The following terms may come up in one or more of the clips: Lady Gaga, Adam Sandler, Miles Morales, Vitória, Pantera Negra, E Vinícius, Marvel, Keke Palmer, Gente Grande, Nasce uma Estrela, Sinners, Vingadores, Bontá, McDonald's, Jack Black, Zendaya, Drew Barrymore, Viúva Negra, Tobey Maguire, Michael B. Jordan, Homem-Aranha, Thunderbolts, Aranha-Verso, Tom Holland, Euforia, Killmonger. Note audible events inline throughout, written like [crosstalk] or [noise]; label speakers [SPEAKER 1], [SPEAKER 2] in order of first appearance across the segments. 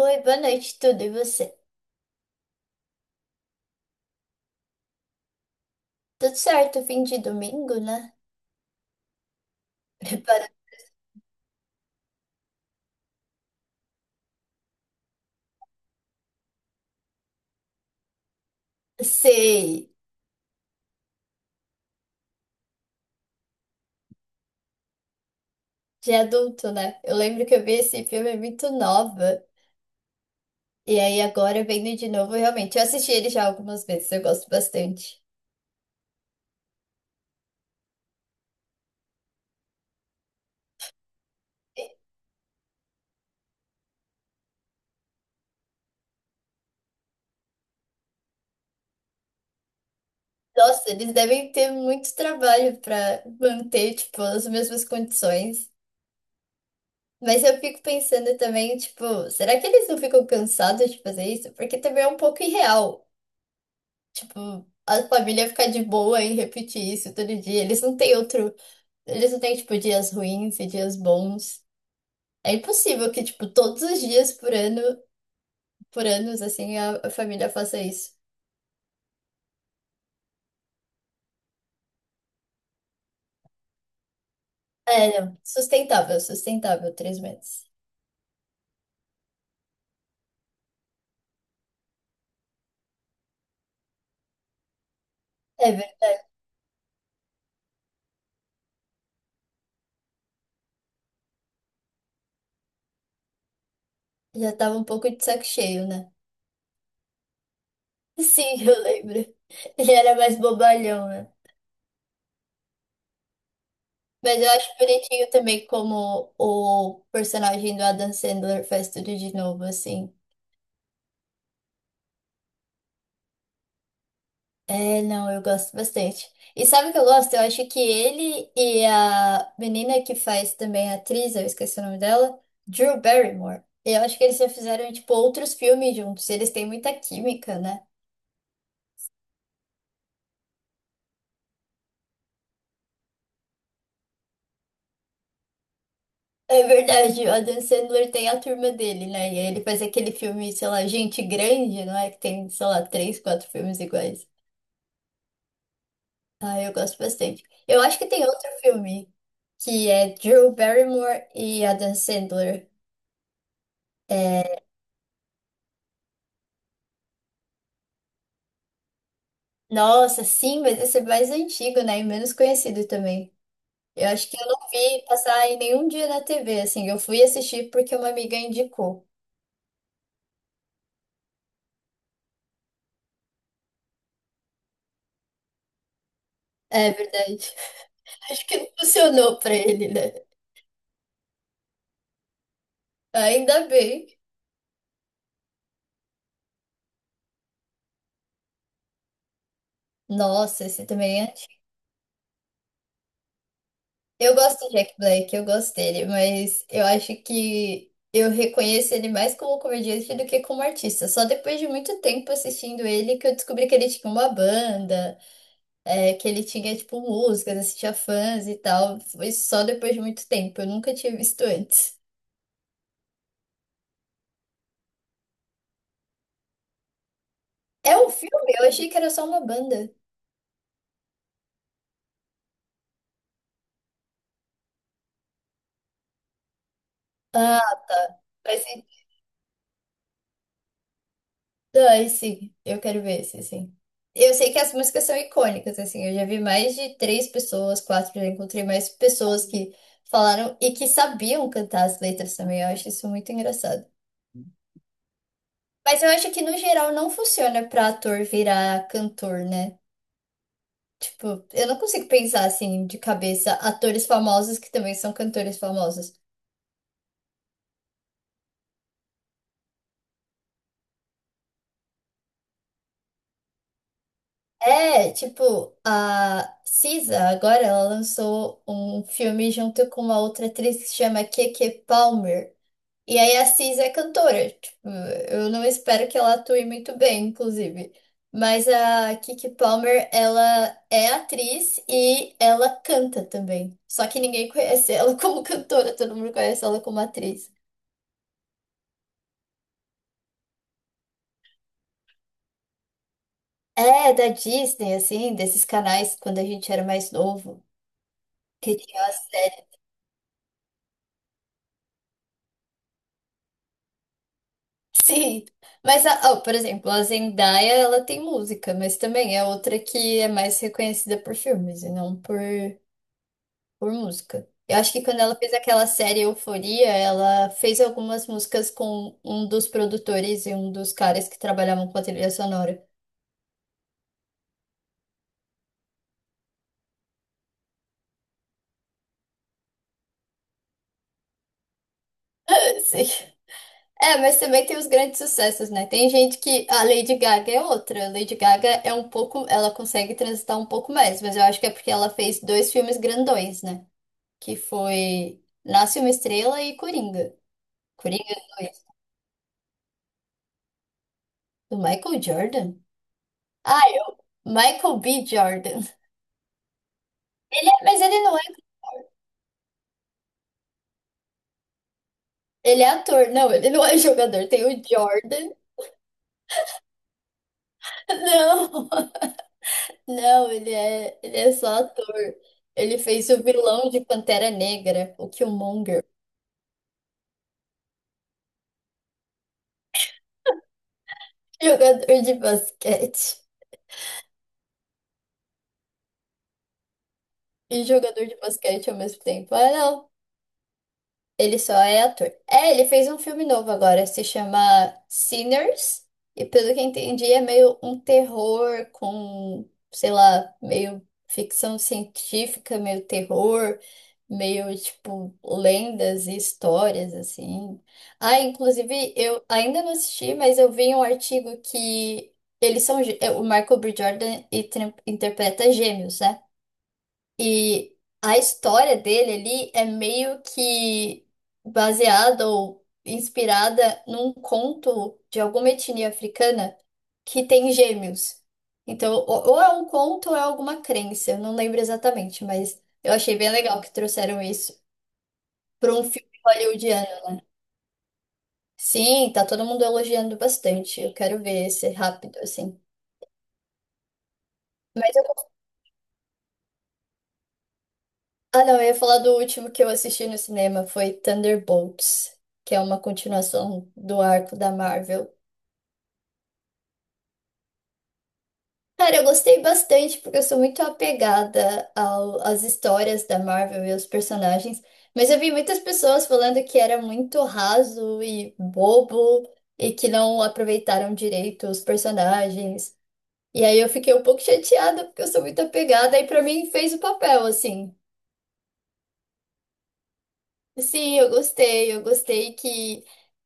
[SPEAKER 1] Oi, boa noite, tudo e você? Tudo certo, fim de domingo, né? [laughs] prepara Sei, de adulto, né? Eu lembro que eu vi esse filme muito nova. E aí agora vendo de novo, realmente. Eu assisti ele já algumas vezes, eu gosto bastante. Nossa, eles devem ter muito trabalho pra manter, tipo, as mesmas condições. Mas eu fico pensando também, tipo, será que eles não ficam cansados de fazer isso? Porque também é um pouco irreal. Tipo, a família ficar de boa em repetir isso todo dia. Eles não têm outro. Eles não têm, tipo, dias ruins e dias bons. É impossível que, tipo, todos os dias por ano, por anos, assim, a família faça isso. É, não. Sustentável, sustentável, 3 meses. É, já tava um pouco de saco cheio, né? Sim, [laughs] eu lembro. Ele era mais bobalhão, né? Mas eu acho bonitinho também como o personagem do Adam Sandler faz tudo de novo, assim. É, não, eu gosto bastante. E sabe o que eu gosto? Eu acho que ele e a menina que faz também a atriz, eu esqueci o nome dela, Drew Barrymore. Eu acho que eles já fizeram, tipo, outros filmes juntos. Eles têm muita química, né? É verdade, o Adam Sandler tem a turma dele, né? E aí ele faz aquele filme, sei lá, Gente Grande, não é? Que tem, sei lá, três, quatro filmes iguais. Ah, eu gosto bastante. Eu acho que tem outro filme que é Drew Barrymore e Adam Sandler. É, nossa, sim, mas esse é mais antigo, né? E menos conhecido também. Eu acho que eu não vi passar em nenhum dia na TV, assim. Eu fui assistir porque uma amiga indicou. É verdade. [laughs] Acho que não funcionou pra ele, né? Ainda bem. Nossa, esse também é antigo. Eu gosto do Jack Black, eu gosto dele, mas eu acho que eu reconheço ele mais como comediante do que como artista. Só depois de muito tempo assistindo ele que eu descobri que ele tinha uma banda. É, que ele tinha, tipo, músicas, assistia fãs e tal. Foi só depois de muito tempo. Eu nunca tinha visto antes. É um filme? Eu achei que era só uma banda. Ah, vai ser. Ah, sim. Eu quero ver esse, sim. Eu sei que as músicas são icônicas, assim. Eu já vi mais de três pessoas, quatro, já encontrei mais pessoas que falaram e que sabiam cantar as letras também. Eu acho isso muito engraçado. Mas eu acho que no geral não funciona pra ator virar cantor, né? Tipo, eu não consigo pensar assim de cabeça atores famosos que também são cantores famosos. É, tipo, a Cisa agora ela lançou um filme junto com uma outra atriz que se chama Keke Palmer. E aí a Cisa é cantora. Tipo, eu não espero que ela atue muito bem, inclusive. Mas a Keke Palmer, ela é atriz e ela canta também. Só que ninguém conhece ela [laughs] como cantora, todo mundo conhece ela como atriz. É, da Disney, assim, desses canais quando a gente era mais novo, que tinha as séries. [laughs] Sim, mas, ó, por exemplo, a Zendaya, ela tem música, mas também é outra que é mais reconhecida por filmes e não por, por música. Eu acho que quando ela fez aquela série Euforia, ela fez algumas músicas com um dos produtores e um dos caras que trabalhavam com a trilha sonora. [laughs] Sim. É, mas também tem os grandes sucessos, né? Tem gente que a Lady Gaga é outra. A Lady Gaga é um pouco, ela consegue transitar um pouco mais, mas eu acho que é porque ela fez dois filmes grandões, né? Que foi Nasce uma Estrela e Coringa. Coringa dois do Michael Jordan? Ah, eu, Michael B. Jordan. Mas ele não é, ele é ator, não, ele não é jogador. Tem o Jordan. Não. [laughs] Não, ele é só ator. Ele fez o vilão de Pantera Negra, o Killmonger. Jogador de basquete e jogador de basquete ao mesmo tempo. Ah, não. Ele só é ator. É, ele fez um filme novo agora, se chama Sinners. E pelo que entendi, é meio um terror com, sei lá, meio ficção científica, meio terror, meio tipo lendas e histórias assim. Ah, inclusive, eu ainda não assisti, mas eu vi um artigo que eles são é, o Michael B. Jordan e interpreta gêmeos, né? E a história dele ali é meio que baseada ou inspirada num conto de alguma etnia africana que tem gêmeos. Então, ou é um conto ou é alguma crença, eu não lembro exatamente, mas eu achei bem legal que trouxeram isso para um filme hollywoodiano. Sim, tá todo mundo elogiando bastante. Eu quero ver esse rápido, assim. Mas eu Ah, não, eu ia falar do último que eu assisti no cinema, foi Thunderbolts, que é uma continuação do arco da Marvel. Cara, eu gostei bastante porque eu sou muito apegada às histórias da Marvel e aos personagens, mas eu vi muitas pessoas falando que era muito raso e bobo e que não aproveitaram direito os personagens. E aí eu fiquei um pouco chateada porque eu sou muito apegada e pra mim fez o papel, assim. Sim, eu gostei. Eu gostei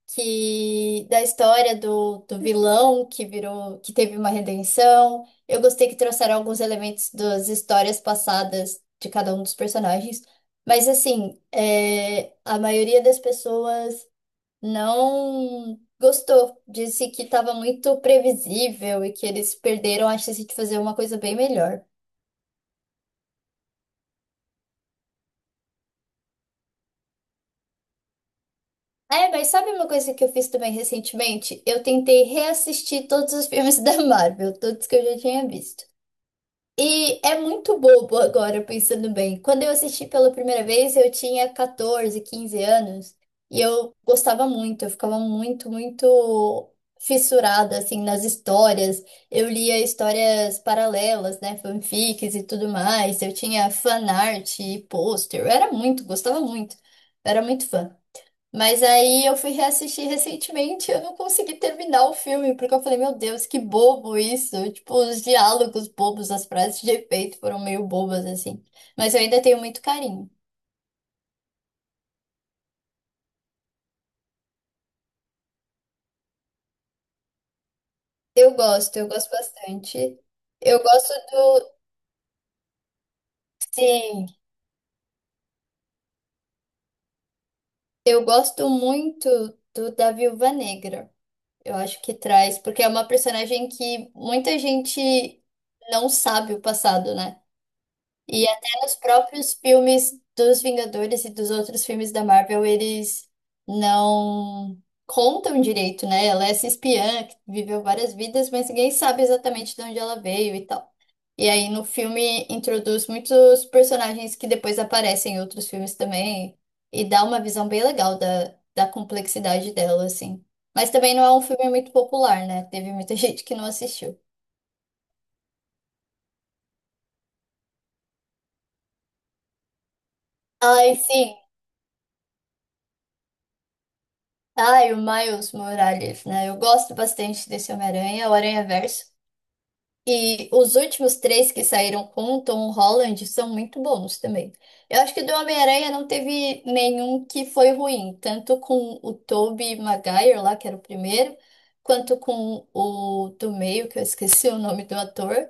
[SPEAKER 1] que da história do vilão que virou, que teve uma redenção. Eu gostei que trouxeram alguns elementos das histórias passadas de cada um dos personagens. Mas assim, é, a maioria das pessoas não gostou. Disse que estava muito previsível e que eles perderam a chance de fazer uma coisa bem melhor. É, mas sabe uma coisa que eu fiz também recentemente? Eu tentei reassistir todos os filmes [laughs] da Marvel, todos que eu já tinha visto. E é muito bobo agora, pensando bem. Quando eu assisti pela primeira vez, eu tinha 14, 15 anos. E eu gostava muito, eu ficava muito, muito fissurada, assim, nas histórias. Eu lia histórias paralelas, né? Fanfics e tudo mais. Eu tinha fanart e pôster. Eu era muito, gostava muito. Eu era muito fã. Mas aí eu fui reassistir recentemente e eu não consegui terminar o filme, porque eu falei, meu Deus, que bobo isso. Tipo, os diálogos bobos, as frases de efeito foram meio bobas, assim. Mas eu ainda tenho muito carinho. Eu gosto bastante. Eu gosto do. Sim, eu gosto muito do da Viúva Negra. Eu acho que traz, porque é uma personagem que muita gente não sabe o passado, né? E até nos próprios filmes dos Vingadores e dos outros filmes da Marvel, eles não contam direito, né? Ela é essa espiã que viveu várias vidas, mas ninguém sabe exatamente de onde ela veio e tal. E aí no filme introduz muitos personagens que depois aparecem em outros filmes também e dá uma visão bem legal da complexidade dela, assim. Mas também não é um filme muito popular, né? Teve muita [laughs] gente que não assistiu. Ai, sim. Ai, o Miles Morales, né? Eu gosto bastante desse Homem-Aranha, o Aranha-Verso. E os últimos três que saíram com o Tom Holland são muito bons também. Eu acho que do Homem-Aranha não teve nenhum que foi ruim, tanto com o Tobey Maguire lá, que era o primeiro, quanto com o do meio, que eu esqueci o nome do ator.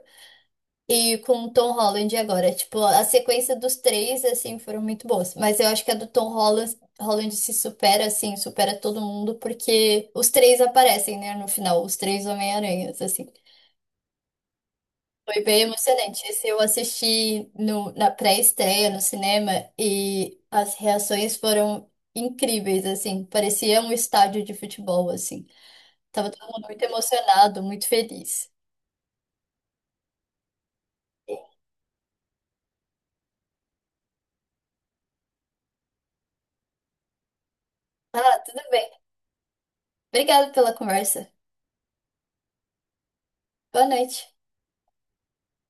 [SPEAKER 1] E com o Tom Holland agora. Tipo, a sequência dos três, assim, foram muito boas. Mas eu acho que a do Tom Holland se supera, assim, supera todo mundo, porque os três aparecem, né, no final, os três Homem-Aranhas, assim. Foi bem emocionante. Esse eu assisti na pré-estreia no cinema e as reações foram incríveis, assim. Parecia um estádio de futebol, assim. Tava todo mundo muito emocionado, muito feliz. Ah, tudo bem. Obrigada pela conversa. Boa noite.